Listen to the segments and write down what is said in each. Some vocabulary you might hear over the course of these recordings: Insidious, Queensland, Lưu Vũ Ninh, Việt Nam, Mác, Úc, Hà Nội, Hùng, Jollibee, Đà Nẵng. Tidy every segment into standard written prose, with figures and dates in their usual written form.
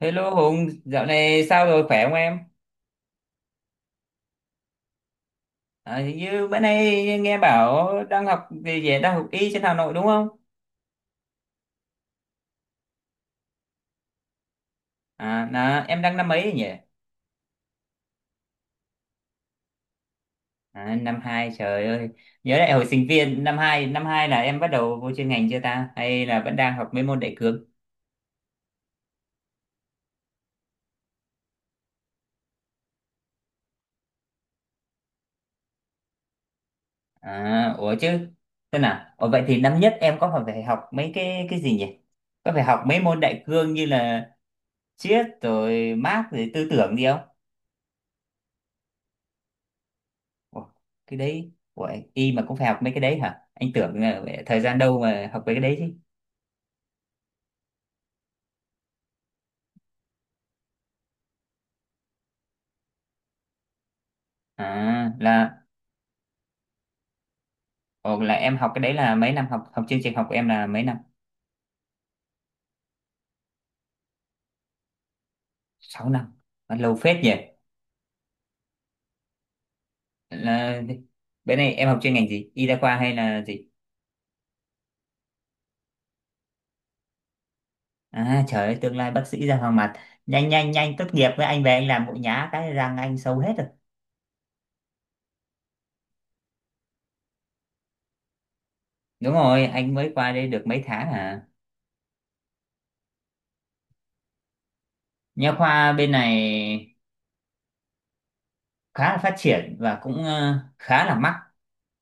Hello Hùng, dạo này sao rồi khỏe không em? Hình như bữa nay nghe bảo đang học về về đang học y trên Hà Nội đúng không? Là em đang năm mấy nhỉ? Năm hai trời ơi, nhớ lại hồi sinh viên năm hai, là em bắt đầu vô chuyên ngành chưa ta? Hay là vẫn đang học mấy môn đại cương? À, ủa chứ, Thế nào? Ủa vậy thì năm nhất em có phải phải học mấy cái gì nhỉ? Có phải học mấy môn đại cương như là triết rồi Mác rồi tư tưởng gì? Ủa, cái đấy. Ủa, y mà cũng phải học mấy cái đấy hả? Anh tưởng là thời gian đâu mà học mấy cái đấy chứ. à là là em học cái đấy là mấy năm, học học chương trình học của em là mấy năm? 6 năm, lâu phết nhỉ. là Bên này em học chuyên ngành gì, y đa khoa hay là gì? Trời ơi, tương lai bác sĩ ra hoàng mặt, nhanh nhanh nhanh tốt nghiệp với anh, về anh làm mũi nhá, cái răng anh sâu hết rồi. Đúng rồi, anh mới qua đây được mấy tháng à. Nha khoa bên này khá là phát triển và cũng khá là mắc.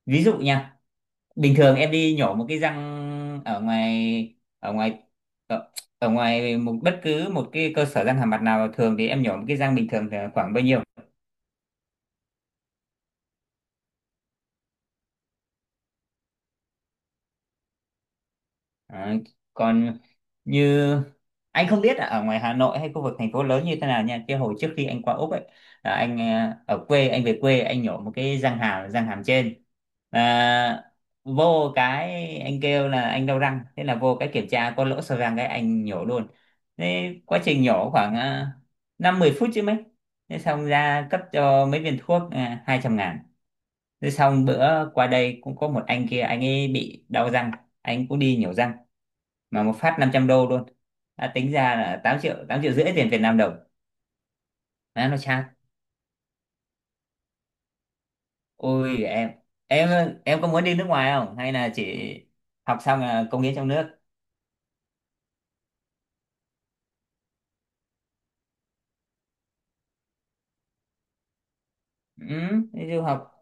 Ví dụ nha, bình thường em đi nhổ một cái răng ở ngoài, ở, ở ngoài một, bất cứ một cái cơ sở răng hàm mặt nào, thường thì em nhổ một cái răng bình thường thì khoảng bao nhiêu? À, Còn như anh không biết là ở ngoài Hà Nội hay khu vực thành phố lớn như thế nào nha. Cái hồi trước khi anh qua Úc ấy, là anh ở quê, anh về quê anh nhổ một cái răng hàm, trên. À, Vô cái anh kêu là anh đau răng, thế là vô cái kiểm tra có lỗ sâu răng, cái anh nhổ luôn. Thế quá trình nhổ khoảng 5-10 phút chứ mấy. Thế xong ra cấp cho mấy viên thuốc, 200.000. Thế xong bữa qua đây cũng có một anh kia, anh ấy bị đau răng, anh cũng đi nhổ răng mà một phát 500 đô luôn, đã tính ra là 8 triệu, 8,5 triệu tiền Việt Nam đồng. Má nó chát. Ôi em, em em có muốn đi nước ngoài không hay là chỉ học xong là cống hiến trong nước? Ừ, đi du học.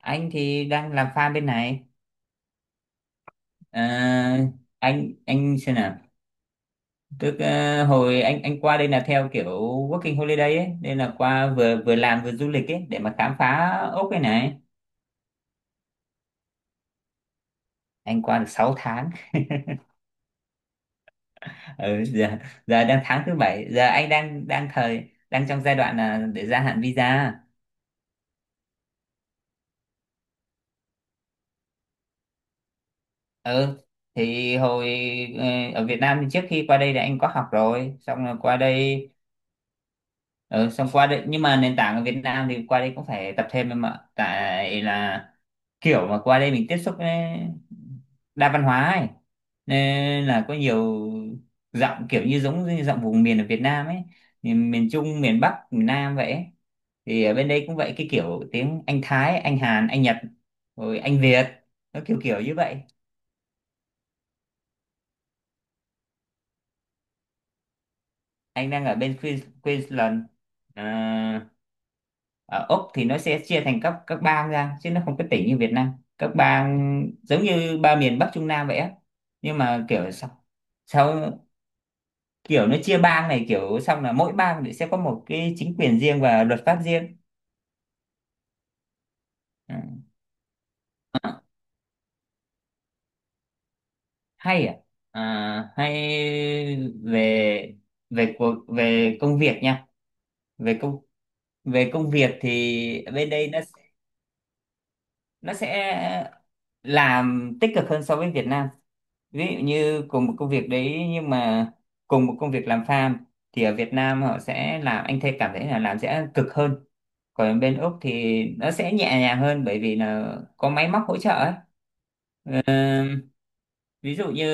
Anh thì đang làm farm bên này. Ờ, anh xem nào, tức hồi anh qua đây là theo kiểu working holiday ấy, nên là qua vừa vừa làm vừa du lịch ấy để mà khám phá ốc cái này. Anh qua được 6 tháng. Ừ, giờ, đang tháng thứ bảy, giờ anh đang đang thời đang trong giai đoạn là để gia hạn visa. Ừ, thì ờ, ở Việt Nam thì trước khi qua đây thì anh có học rồi, xong rồi qua đây. Ừ, xong qua đây nhưng mà nền tảng ở Việt Nam thì qua đây cũng phải tập thêm em ạ, tại là kiểu mà qua đây mình tiếp xúc với đa văn hóa ấy, nên là có nhiều giọng, kiểu như giống như giọng vùng miền ở Việt Nam ấy, miền Trung, miền Bắc, miền Nam vậy ấy. Thì ở bên đây cũng vậy, cái kiểu tiếng Anh Thái, Anh Hàn, Anh Nhật rồi Anh Việt, nó kiểu kiểu như vậy. Anh đang ở bên Queensland. à, Ở Úc thì nó sẽ chia thành các bang ra chứ nó không có tỉnh như Việt Nam. Các bang giống như ba miền Bắc Trung Nam vậy á. Nhưng mà kiểu sao sao kiểu nó chia bang này, kiểu xong là mỗi bang thì sẽ có một cái chính quyền riêng và luật pháp riêng. Ừ. À, hay à? Hay về, về cuộc về công việc nha. về công Về công việc thì bên đây nó sẽ làm tích cực hơn so với Việt Nam. Ví dụ như cùng một công việc đấy, nhưng mà cùng một công việc làm farm thì ở Việt Nam họ sẽ làm, anh thấy cảm thấy là làm sẽ cực hơn, còn bên Úc thì nó sẽ nhẹ nhàng hơn bởi vì là có máy móc hỗ trợ ấy. Ờ, Ví dụ như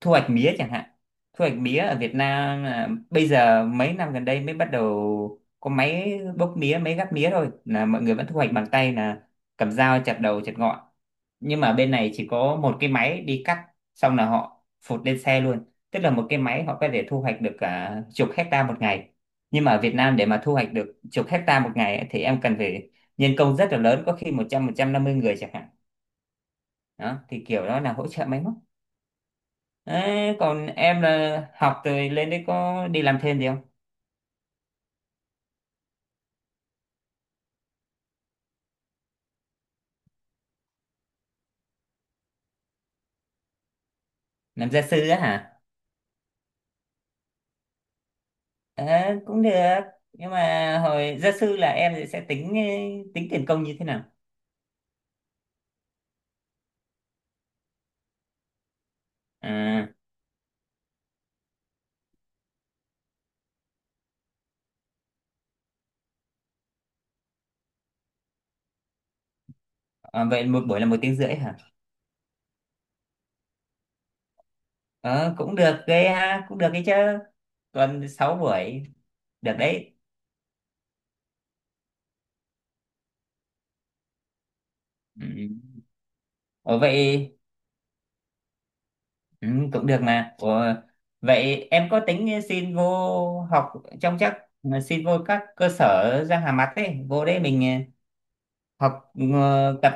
thu hoạch mía chẳng hạn. Thu hoạch mía ở Việt Nam là bây giờ mấy năm gần đây mới bắt đầu có máy bốc mía, máy gắp mía thôi, là mọi người vẫn thu hoạch bằng tay, là cầm dao chặt đầu chặt ngọn. Nhưng mà bên này chỉ có một cái máy đi cắt, xong là họ phụt lên xe luôn. Tức là một cái máy họ có thể thu hoạch được cả chục hecta một ngày. Nhưng mà ở Việt Nam để mà thu hoạch được chục hecta một ngày ấy, thì em cần phải nhân công rất là lớn, có khi một 100, 150 người chẳng hạn. Đó thì kiểu đó là hỗ trợ máy móc. Đấy, còn em là học rồi lên đấy có đi làm thêm gì không? Làm gia sư á hả? Ờ, Cũng được. Nhưng mà hồi gia sư là em sẽ tính tính tiền công như thế nào? À, Vậy một buổi là 1 tiếng rưỡi hả? Ờ, Cũng được ghê ha, cũng được cái chứ. Còn 6 buổi, được đấy. Ừ. Ủa vậy, ừ, cũng được mà. Ủa, vậy em có tính xin vô học trong chắc xin vô các cơ sở răng hàm mặt ấy, vô đấy mình học tập.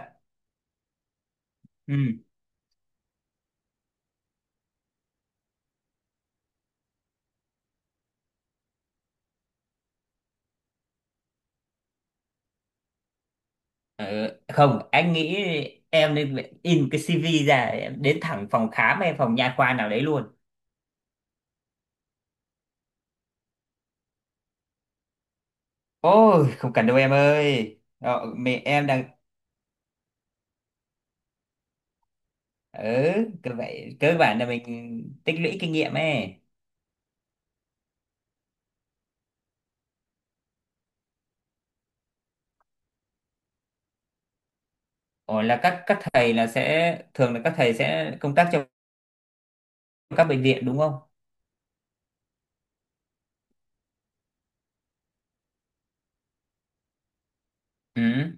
Ừ. Ờ, Không, anh nghĩ em nên in cái CV ra, em đến thẳng phòng khám hay phòng nha khoa nào đấy luôn. Ôi, không cần đâu em ơi. Ờ, Mẹ em đang ừ, vậy cơ bản là mình tích lũy kinh nghiệm ấy. Ồ, là các thầy là sẽ thường là các thầy sẽ công tác trong các bệnh viện đúng không? Ừ.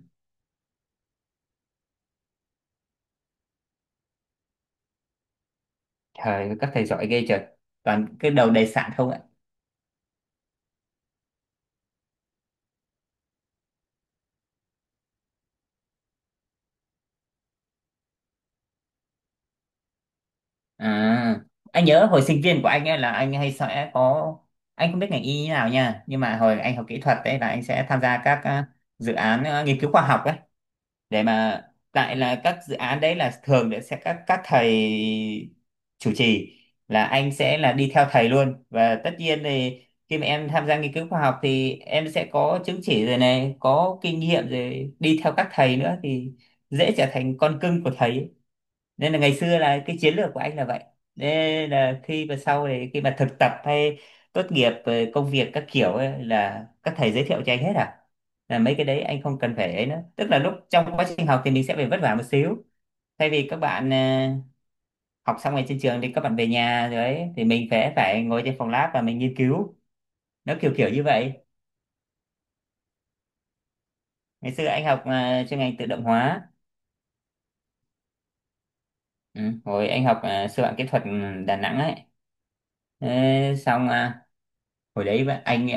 Trời ơi, các thầy giỏi ghê trời. Toàn cái đầu đầy sạn không. À, anh nhớ hồi sinh viên của anh ấy là anh hay sẽ có, anh không biết ngành y như nào nha, nhưng mà hồi anh học kỹ thuật đấy là anh sẽ tham gia các dự án, nghiên cứu khoa học ấy, để mà tại là các dự án đấy là thường sẽ các thầy chủ trì, là anh sẽ là đi theo thầy luôn, và tất nhiên thì khi mà em tham gia nghiên cứu khoa học thì em sẽ có chứng chỉ rồi này, có kinh nghiệm rồi, đi theo các thầy nữa thì dễ trở thành con cưng của thầy. Nên là ngày xưa là cái chiến lược của anh là vậy. Nên là khi mà sau này khi mà thực tập hay tốt nghiệp rồi công việc các kiểu ấy, là các thầy giới thiệu cho anh hết à. Là mấy cái đấy anh không cần phải ấy nữa, tức là lúc trong quá trình học thì mình sẽ phải vất vả một xíu, thay vì các bạn học xong rồi trên trường thì các bạn về nhà rồi ấy, thì mình phải phải ngồi trên phòng lab và mình nghiên cứu, nó kiểu kiểu như vậy. Ngày xưa anh học chuyên ngành tự động hóa. Ừ, hồi anh học sư phạm kỹ thuật Đà Nẵng ấy. Thế xong hồi đấy anh,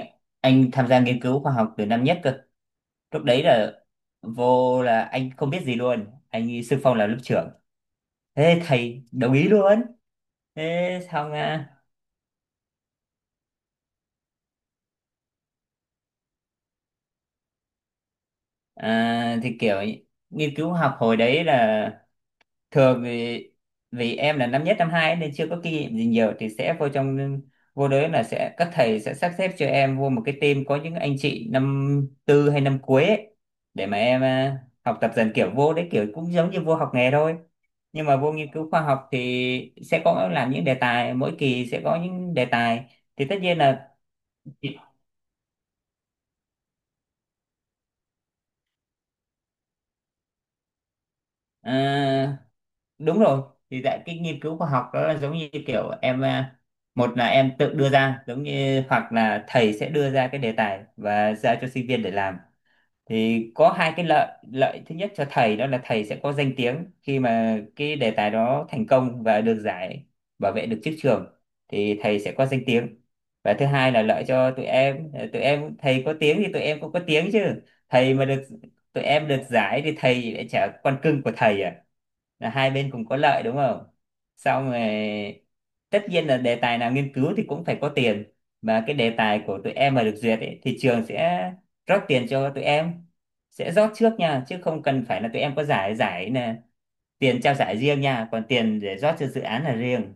tham gia nghiên cứu khoa học từ năm nhất cơ. Lúc đấy là vô là anh không biết gì luôn, anh đi xung phong làm lớp trưởng, thế thầy đồng ý luôn. Thế xong thì kiểu nghiên cứu học hồi đấy là thường thì vì em là năm nhất năm hai nên chưa có kinh nghiệm gì nhiều thì sẽ vô trong, vô đấy là sẽ các thầy sẽ sắp xếp cho em vô một cái team có những anh chị năm tư hay năm cuối ấy, để mà em học tập dần, kiểu vô đấy kiểu cũng giống như vô học nghề thôi. Nhưng mà vô nghiên cứu khoa học thì sẽ có làm những đề tài, mỗi kỳ sẽ có những đề tài, thì tất nhiên là ờ, đúng rồi. Thì tại cái nghiên cứu khoa học đó là giống như kiểu em một là em tự đưa ra, giống như hoặc là thầy sẽ đưa ra cái đề tài và giao cho sinh viên để làm. Thì có hai cái lợi. Lợi thứ nhất cho thầy đó là thầy sẽ có danh tiếng khi mà cái đề tài đó thành công và được giải, bảo vệ được chức trường, thì thầy sẽ có danh tiếng. Và thứ hai là lợi cho tụi em, thầy có tiếng thì tụi em cũng có tiếng chứ. Thầy mà được, tụi em được giải thì thầy lại chả con cưng của thầy à. Là hai bên cùng có lợi đúng không? Xong rồi, tất nhiên là đề tài nào nghiên cứu thì cũng phải có tiền, mà cái đề tài của tụi em mà được duyệt ấy, thì trường sẽ rót tiền cho tụi em, sẽ rót trước nha, chứ không cần phải là tụi em có giải. Giải là tiền trao giải riêng nha, còn tiền để rót cho dự án là riêng,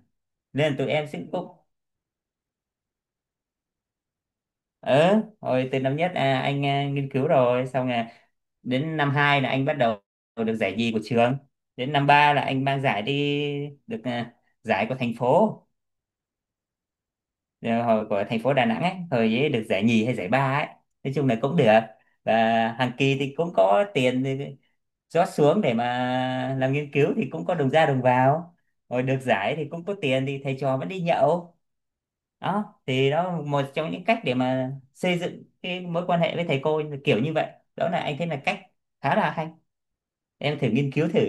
nên tụi em sẽ cũng ờ hồi từ năm nhất, anh nghiên cứu, rồi xong là đến năm hai là anh bắt đầu được giải nhì của trường. Đến năm ba là anh mang giải đi, được giải của thành phố, rồi hồi của thành phố Đà Nẵng ấy, hồi ấy được giải nhì hay giải ba ấy, nói chung là cũng được. Và hàng kỳ thì cũng có tiền rót xuống để mà làm nghiên cứu, thì cũng có đồng ra đồng vào, rồi được giải thì cũng có tiền thì thầy trò vẫn đi nhậu. Đó thì đó là một trong những cách để mà xây dựng cái mối quan hệ với thầy cô kiểu như vậy. Đó là anh thấy là cách khá là hay, em thử nghiên cứu thử.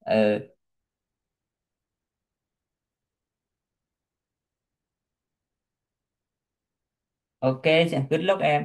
ờ ok, good luck em.